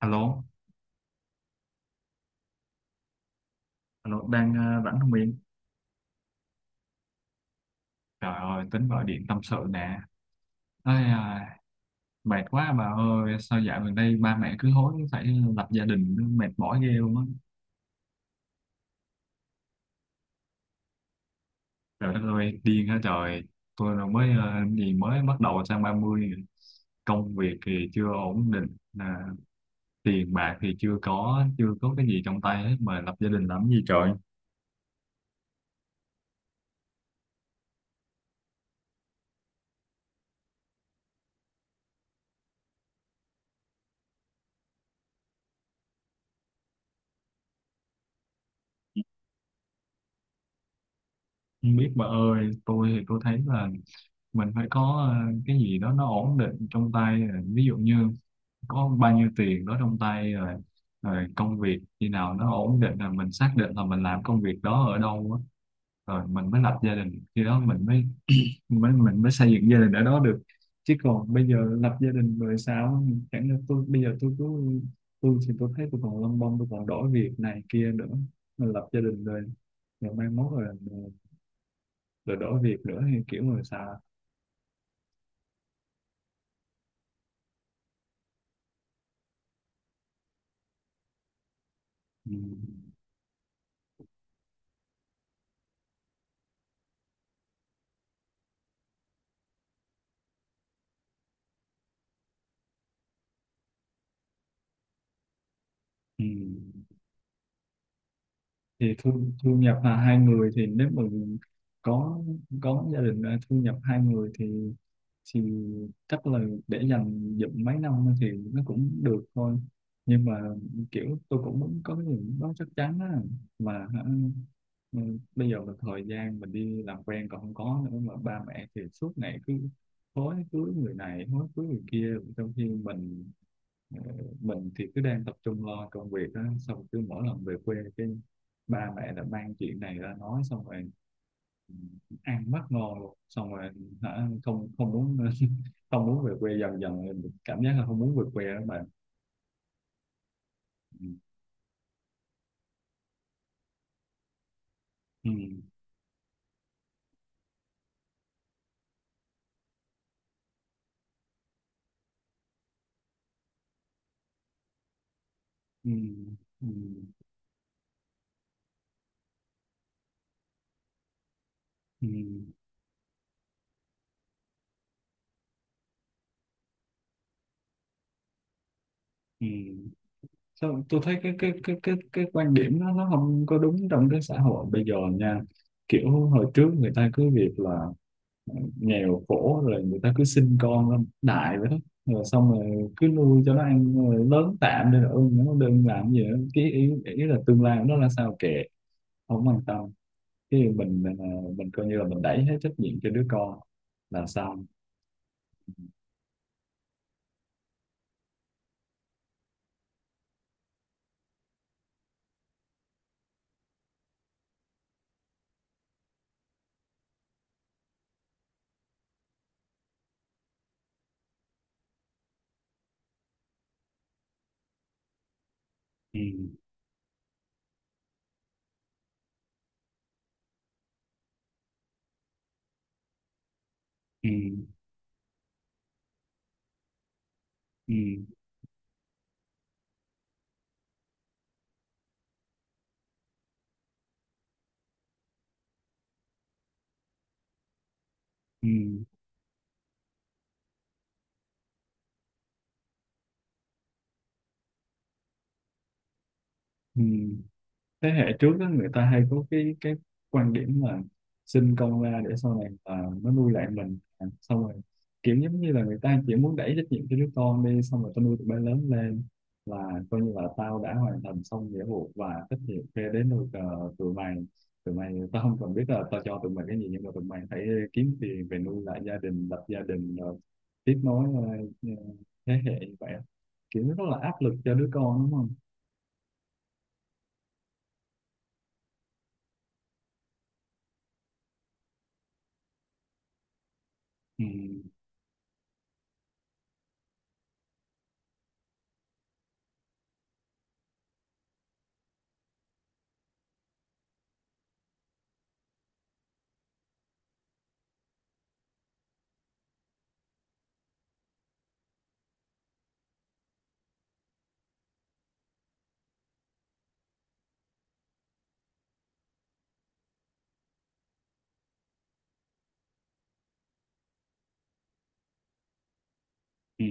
Alo, alo, đang rảnh không Yên? Trời ơi, tính gọi điện tâm sự nè. Ây, à, mệt quá bà ơi, sao dạo gần đây ba mẹ cứ hối phải lập gia đình, mệt mỏi ghê luôn á. Trời đất ơi, điên hả trời. Tôi là mới ờ, gì mới bắt đầu sang 30. Công việc thì chưa ổn định, à, tiền bạc thì chưa có, chưa có cái gì trong tay hết mà lập gia đình làm gì trời. Không biết bà ơi, tôi thì tôi thấy là mình phải có cái gì đó nó ổn định trong tay, à, ví dụ như có bao nhiêu tiền đó trong tay rồi rồi công việc khi nào nó ổn định là mình xác định là mình làm công việc đó ở đâu á, rồi mình mới lập gia đình. Khi đó mình mới mới mình mới xây dựng gia đình ở đó được, chứ còn bây giờ lập gia đình rồi sao? Chẳng lẽ tôi bây giờ tôi cứ, tôi thì tôi thấy tôi còn lông bông, tôi còn đổi việc này kia nữa, mình lập gia đình rồi rồi mai mốt rồi rồi đổi việc nữa hay kiểu, người sao? Ừ. Ừ. Thì thu thu nhập là hai người thì nếu mà có gia đình, à, thu nhập hai người thì chắc là để dành dụm mấy năm thì nó cũng được thôi, nhưng mà kiểu tôi cũng muốn có cái gì đó chắc chắn á, mà ừ, bây giờ là thời gian mình đi làm quen còn không có nữa, mà ba mẹ thì suốt ngày cứ hối cưới người này hối cưới người kia, trong khi Ờ, mình thì cứ đang tập trung lo công việc á. Xong cứ mỗi lần về quê cái ba mẹ đã mang chuyện này ra nói, xong rồi ừ, ăn mất ngon luôn. Xong rồi không không muốn không muốn về quê, dần dần mình cảm giác là không muốn về quê đó bạn. Ừ. Ừ. Ừ. Ừ. Ừ. Ừ. Sao tôi thấy cái quan điểm đó nó không có đúng trong cái xã hội bây giờ nha. Kiểu hồi trước người ta cứ việc là nghèo khổ, rồi người ta cứ sinh con ra đại vậy đó, rồi xong rồi cứ nuôi cho nó ăn rồi lớn tạm đi rồi ưng nó đừng làm gì nữa, cái ý là tương lai của nó là sao kệ, không quan tâm. Cái mình coi như là mình đẩy hết trách nhiệm cho đứa con là xong. Ừ. Ừ. Ừ. Ừ. Ừ. Thế hệ trước đó, người ta hay có cái quan điểm là sinh con ra để sau này, à, nó nuôi lại mình, à, xong rồi kiểu giống như là người ta chỉ muốn đẩy trách nhiệm cho đứa con đi, xong rồi tao nuôi tụi bay lớn lên là coi như là tao đã hoàn thành xong nghĩa vụ và trách nhiệm, kia đến nuôi tụi mày tao không cần biết là tao cho tụi mày cái gì, nhưng mà tụi mày phải kiếm tiền về nuôi lại gia đình, lập gia đình rồi tiếp nối ờ, thế hệ như vậy, kiểu nó rất là áp lực cho đứa con đúng không? Ừ, ừ,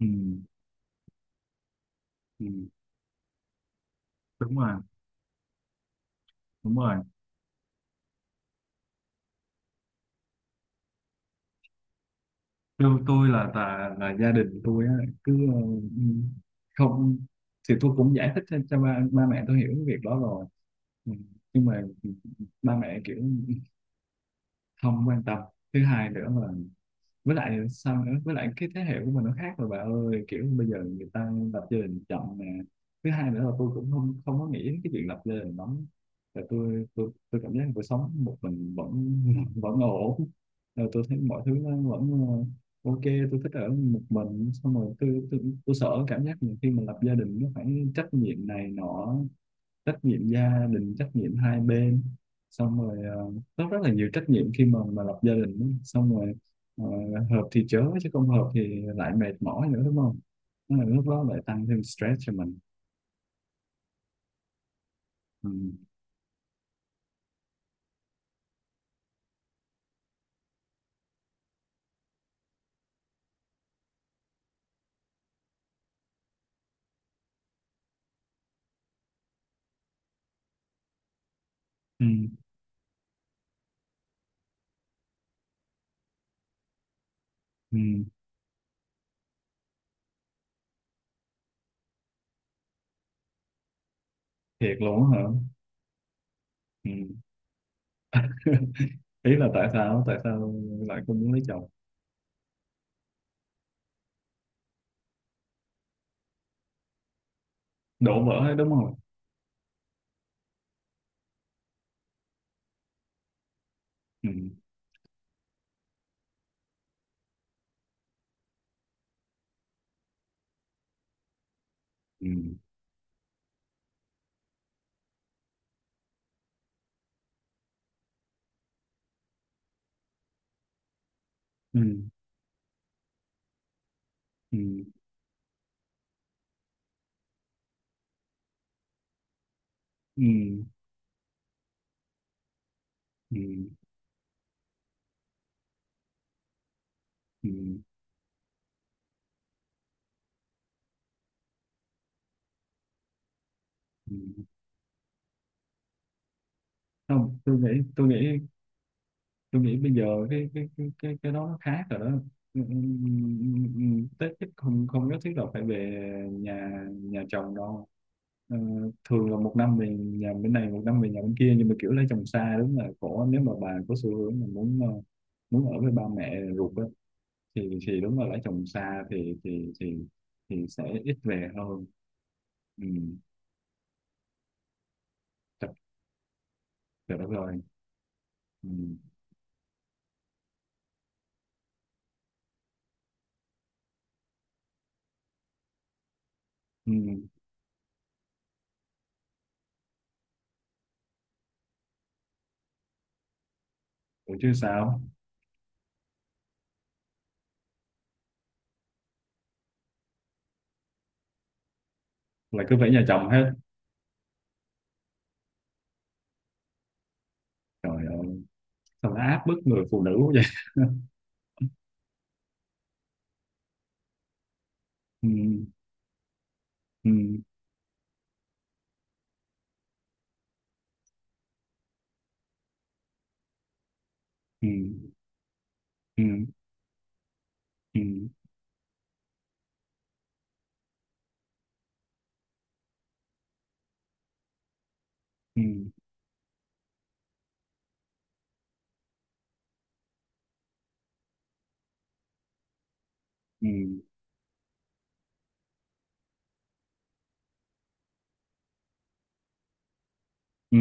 ừ. Ừ. Đúng rồi. Đúng rồi. Tôi là gia đình tôi á, cứ không, thì tôi cũng giải thích cho ba mẹ tôi hiểu cái việc đó rồi. Ừ, nhưng mà ba mẹ kiểu không quan tâm. Thứ hai nữa, với lại sao nữa, với lại cái thế hệ của mình nó khác rồi bà ơi, kiểu bây giờ người ta lập gia đình chậm nè. Thứ hai nữa là tôi cũng không không có nghĩ đến cái chuyện lập gia đình lắm, là tôi cảm giác cuộc sống một mình vẫn vẫn ổn, rồi tôi thấy mọi thứ nó vẫn ok. Tôi thích ở một mình, xong rồi tôi sợ cảm giác mình khi mà lập gia đình nó phải trách nhiệm này nọ, trách nhiệm gia đình, trách nhiệm hai bên, xong rồi rất rất là nhiều trách nhiệm khi mà lập gia đình đó. Xong rồi ờ, hợp thì chớ, chứ không hợp thì lại mệt mỏi nữa đúng không? Nó là lúc đó lại tăng thêm stress cho mình. Ừ. Ừ. Ừ. Thiệt luôn á hả? Ừ. Ý là tại sao, tại sao lại không muốn lấy chồng? Đổ vỡ hết đúng không? Ừ. Ừ. Ừ. Ừ. Ừ. Ừ. Ừ. Ừ. Không, tôi nghĩ tôi nghĩ bây giờ cái đó nó khác rồi đó. Ừ, ừ, ừ, Tết chắc không không nhất thiết là phải về nhà nhà chồng đâu. Ờ, thường là một năm về nhà bên này, một năm về nhà bên kia, nhưng mà kiểu lấy chồng xa đúng là khổ nếu mà bà có xu hướng mà muốn muốn ở với ba mẹ ruột á, thì đúng là lấy chồng xa thì sẽ ít về hơn. Ừ. Trời trời đất ơi. Ừ. Ừ. Ủa chứ sao? Là cứ phải nhà chồng hết? Trời ơi, sao nó áp bức người phụ nữ quá vậy. Ừ. Ừ. Ừ. Ừ. Ừ. Ừ. Ừ. Ừ.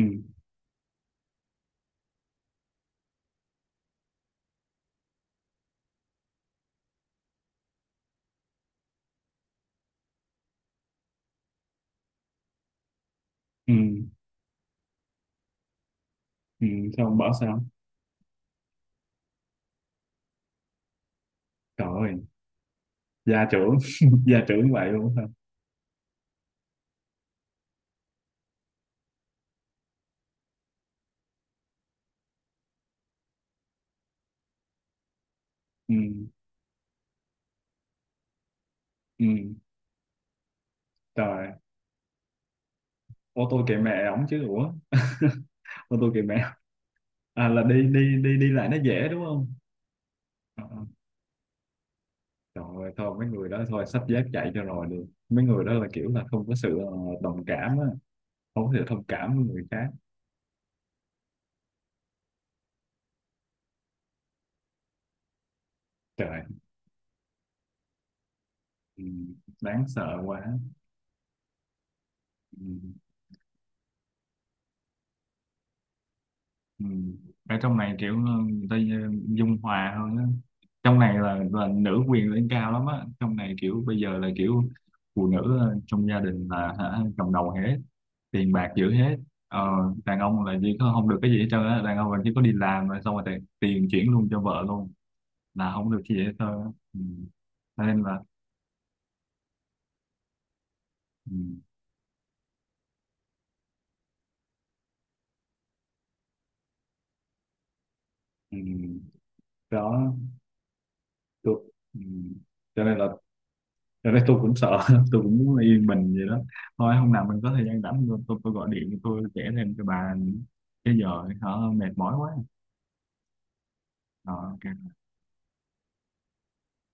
Ừ. Ừ. Sao không bỏ sao? Trời ơi, gia trưởng. Gia trưởng vậy luôn hả? Ừ. Ừ. Trời. Ô tô kệ mẹ ổng chứ ủa. Ô tô kệ mẹ. À, là đi đi đi đi lại nó dễ đúng không? Ờ, ờ. Trời ơi, thôi mấy người đó thôi xách dép chạy cho rồi đi. Mấy người đó là kiểu là không có sự đồng cảm á, không có sự thông cảm với người khác. Trời. Ừ, đáng sợ quá. Ừ. Ừ. Ở trong này kiểu người ta dung hòa hơn á. Trong này là nữ quyền lên cao lắm á. Trong này kiểu bây giờ là kiểu phụ nữ trong gia đình là cầm đầu hết, tiền bạc giữ hết. Ờ, đàn ông là chỉ có không được cái gì hết trơn á. Đàn ông là chỉ có đi làm rồi xong rồi tiền chuyển luôn cho vợ luôn, là không được cái gì hết trơn á. Ừ. Cho nên là, ừ. Ừ. Đó. Được. Ừ. Cho nên là rồi cái tôi cũng sợ. Tôi cũng muốn yên bình vậy đó, thôi hôm nào mình có thời gian rảnh tôi, gọi điện tôi kể thêm cho bà, chứ giờ hả, mệt mỏi quá. Ờ, ok.